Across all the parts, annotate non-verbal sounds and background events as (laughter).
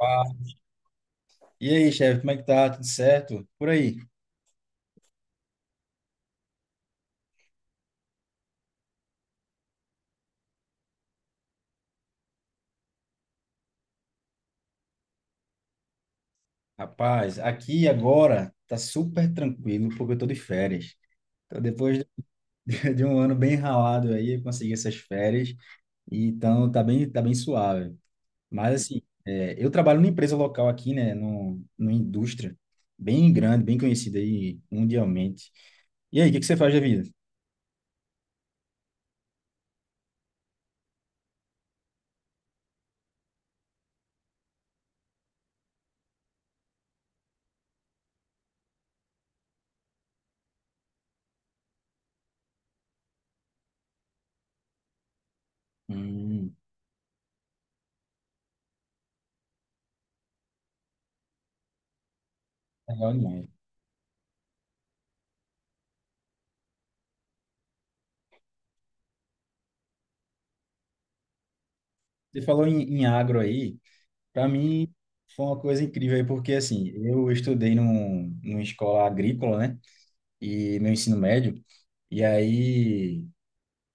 Ah, e aí, chefe, como é que tá? Tudo certo? Por aí. Rapaz, aqui agora tá super tranquilo porque eu tô de férias. Então, depois de (laughs) de um ano bem ralado aí, eu consegui essas férias. E, então, tá bem suave. Mas, assim, eu trabalho numa empresa local aqui, né? no, numa indústria bem grande, bem conhecida aí mundialmente. E aí, o que que você faz da vida? Hum, legal demais. Você falou em agro aí. Para mim, foi uma coisa incrível aí, porque assim, eu estudei numa escola agrícola, né? E meu ensino médio, e aí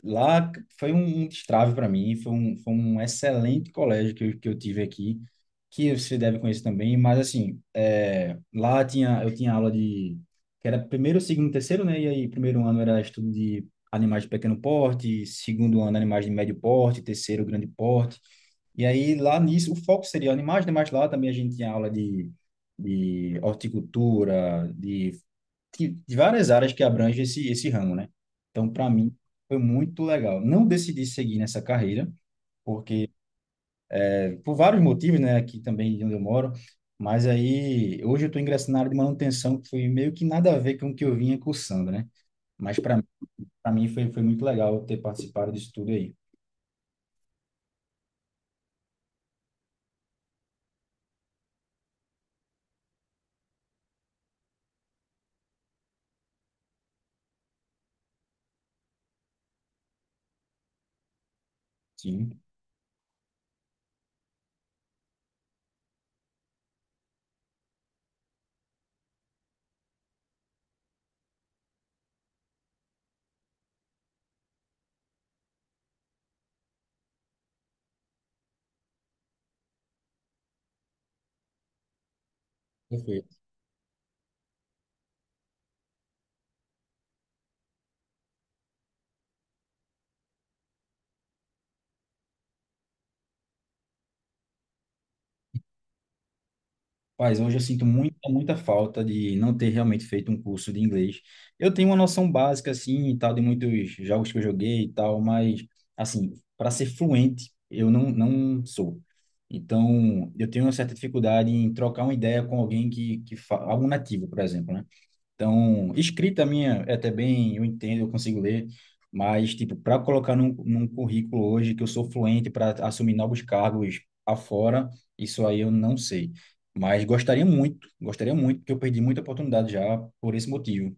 lá foi um destrave para mim, foi um excelente colégio que eu tive aqui, que você deve conhecer também, mas assim, lá tinha, eu tinha aula de, que era primeiro, segundo, terceiro, né? E aí, primeiro ano era estudo de animais de pequeno porte, segundo ano animais de médio porte, terceiro grande porte, e aí, lá nisso, o foco seria animais, né? Mas lá também a gente tinha aula de horticultura, de várias áreas que abrangem esse ramo, né? Então, para mim, foi muito legal. Não decidi seguir nessa carreira, porque, por vários motivos, né? Aqui também de onde eu moro. Mas aí, hoje eu estou ingressando na área de manutenção, que foi meio que nada a ver com o que eu vinha cursando, né? Mas para mim foi muito legal ter participado disso tudo aí. Sim, perfeito. Mas hoje eu sinto muita, muita falta de não ter realmente feito um curso de inglês. Eu tenho uma noção básica, assim, e tal, de muitos jogos que eu joguei e tal, mas, assim, para ser fluente, eu não sou. Então, eu tenho uma certa dificuldade em trocar uma ideia com alguém que algum nativo, por exemplo, né? Então, escrita minha é até bem, eu entendo, eu consigo ler, mas, tipo, para colocar num currículo hoje que eu sou fluente para assumir novos cargos afora, isso aí eu não sei. Mas gostaria muito, porque eu perdi muita oportunidade já por esse motivo.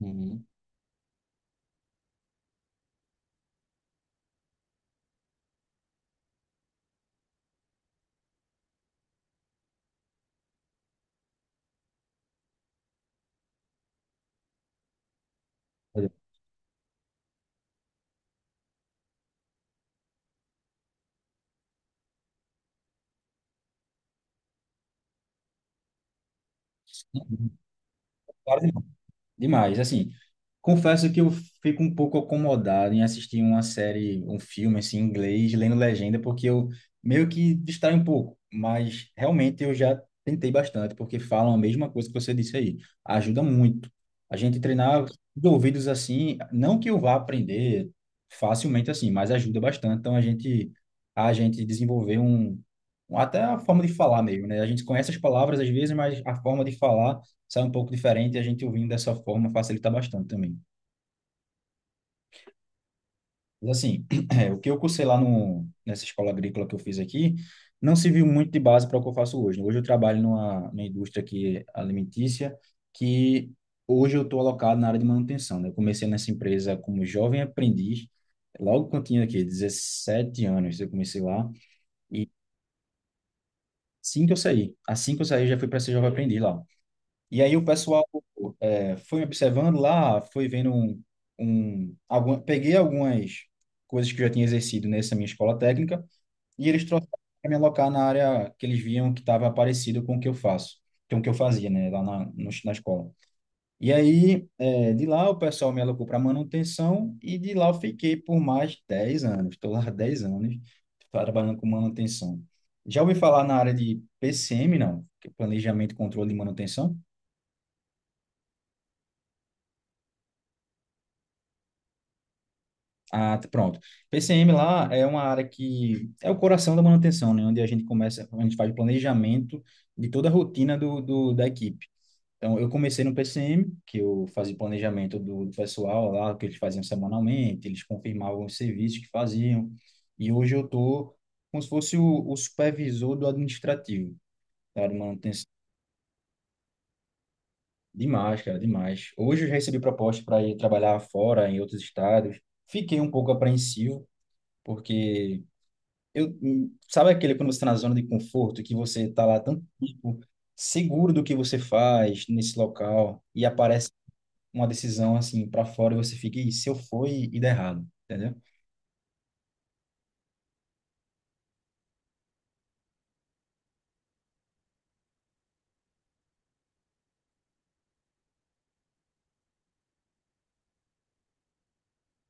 Uhum. Olha, várias demais, assim, confesso que eu fico um pouco acomodado em assistir uma série, um filme, assim, em inglês, lendo legenda, porque eu meio que distraio um pouco, mas realmente eu já tentei bastante, porque falam a mesma coisa que você disse aí, ajuda muito. A gente treinar de ouvidos assim, não que eu vá aprender facilmente assim, mas ajuda bastante, então a gente desenvolver até a forma de falar mesmo, né? A gente conhece as palavras às vezes, mas a forma de falar sai um pouco diferente e a gente ouvindo dessa forma facilita bastante também. Mas assim, (clears throat) o que eu cursei lá no, nessa escola agrícola que eu fiz aqui, não se viu muito de base para o que eu faço hoje. Hoje eu trabalho numa indústria que é alimentícia, que hoje eu estou alocado na área de manutenção, né? Eu comecei nessa empresa como jovem aprendiz, logo quando eu tinha aqui 17 anos, eu comecei lá, e assim que eu saí, eu já fui para ser jovem aprendiz lá. E aí o pessoal foi me observando lá, foi vendo peguei algumas coisas que eu já tinha exercido nessa minha escola técnica e eles trouxeram para me alocar na área que eles viam que estava parecido com o que eu faço, com o que eu fazia, né, lá na, no- na escola. E aí, de lá o pessoal me alocou para manutenção e de lá eu fiquei por mais de 10 anos. Estou lá há 10 anos trabalhando com manutenção. Já ouvi falar na área de PCM, não? Que é Planejamento, Controle e Manutenção? Ah, pronto. PCM lá é uma área que é o coração da manutenção, né? Onde a gente começa, a gente faz o planejamento de toda a rotina da equipe. Então, eu comecei no PCM, que eu fazia planejamento do pessoal lá, o que eles faziam semanalmente, eles confirmavam os serviços que faziam. E hoje eu tô como se fosse o supervisor do administrativo, tá? De manutenção. Demais, cara, demais. Hoje eu já recebi proposta para ir trabalhar fora, em outros estados. Fiquei um pouco apreensivo, porque sabe aquele, quando você está na zona de conforto, que você está lá tanto tempo seguro do que você faz nesse local e aparece uma decisão assim para fora e você fica: "Ih, se eu for e der errado", entendeu?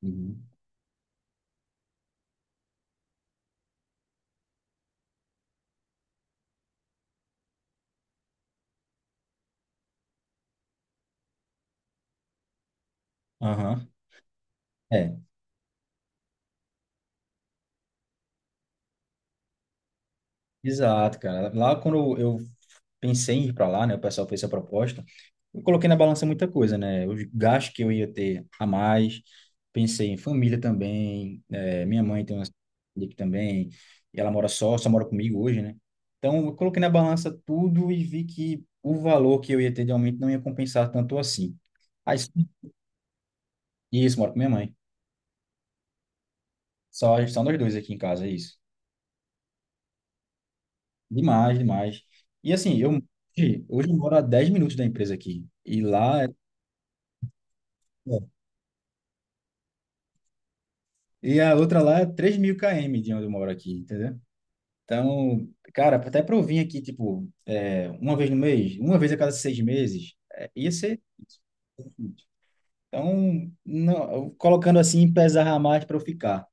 Uhum. Aham. É. Exato, cara. Lá quando eu pensei em ir para lá, né, o pessoal fez essa proposta, eu coloquei na balança muita coisa, né? Os gastos que eu ia ter a mais, pensei em família também, minha mãe tem uma filha aqui também, e ela mora só, só mora comigo hoje, né? Então, eu coloquei na balança tudo e vi que o valor que eu ia ter de aumento não ia compensar tanto assim. Aí, isso, moro com minha mãe. Só, só nós dois aqui em casa, é isso. Demais, demais. E assim, eu hoje eu moro a 10 minutos da empresa aqui. E lá e a outra lá é 3 mil km de onde eu moro aqui, entendeu? Então, cara, até para eu vir aqui, tipo, uma vez no mês, uma vez a cada 6 meses, ia ser difícil. Então, não, colocando assim, pesar mais para eu ficar.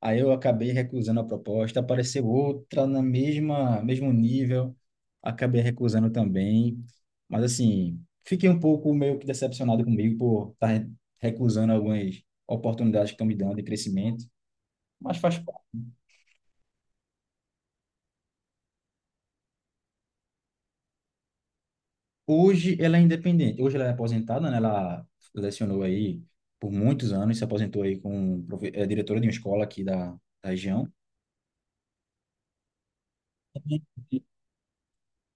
Aí eu acabei recusando a proposta, apareceu outra na mesma, mesmo nível, acabei recusando também. Mas assim, fiquei um pouco meio que decepcionado comigo por estar recusando algumas oportunidades que estão me dando de crescimento, mas faz parte. Hoje ela é independente, hoje ela é aposentada, né? Ela lecionou aí por muitos anos, se aposentou aí com um diretora de uma escola aqui da, da região.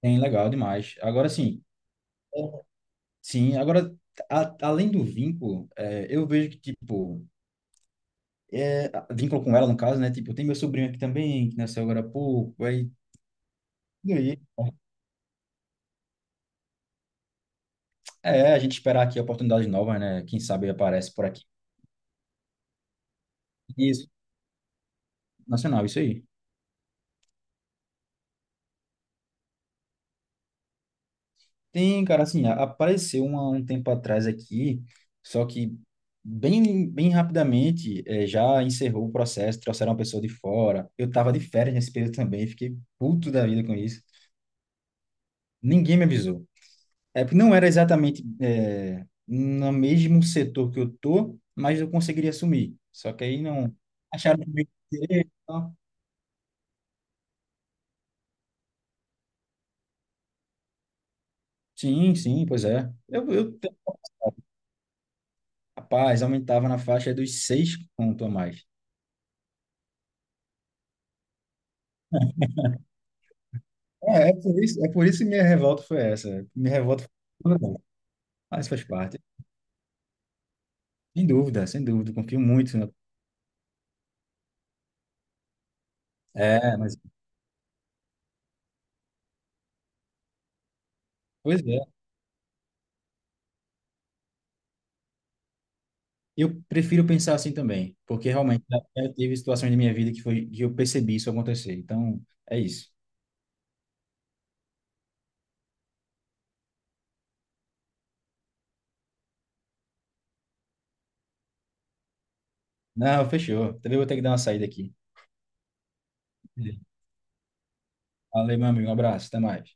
Bem legal demais. Agora sim. Sim, agora, além do vínculo, eu vejo que, tipo, vínculo com ela, no caso, né? Tipo, tem meu sobrinho aqui também, que nasceu agora há pouco, aí, e aí, a gente esperar aqui oportunidades novas, né? Quem sabe aparece por aqui. Isso, nacional, isso aí. Tem, cara, assim, apareceu uma, um tempo atrás aqui, só que bem, bem rapidamente já encerrou o processo, trouxeram uma pessoa de fora. Eu tava de férias nesse período também, fiquei puto da vida com isso. Ninguém me avisou. É porque não era exatamente no mesmo setor que eu tô, mas eu conseguiria assumir. Só que aí não acharam comigo direito, tá? Sim, sim, pois é. Rapaz, aumentava na faixa dos 6 conto a mais. É por isso que minha revolta foi essa. Minha revolta foi. Mas faz parte. Sem dúvida, sem dúvida. Confio muito na. É, mas. Pois é. Eu prefiro pensar assim também, porque realmente já teve situações da minha vida que foi que eu percebi isso acontecer. Então, é isso. Não, fechou. Também vou ter que dar uma saída aqui. Valeu, meu amigo. Um abraço. Até mais.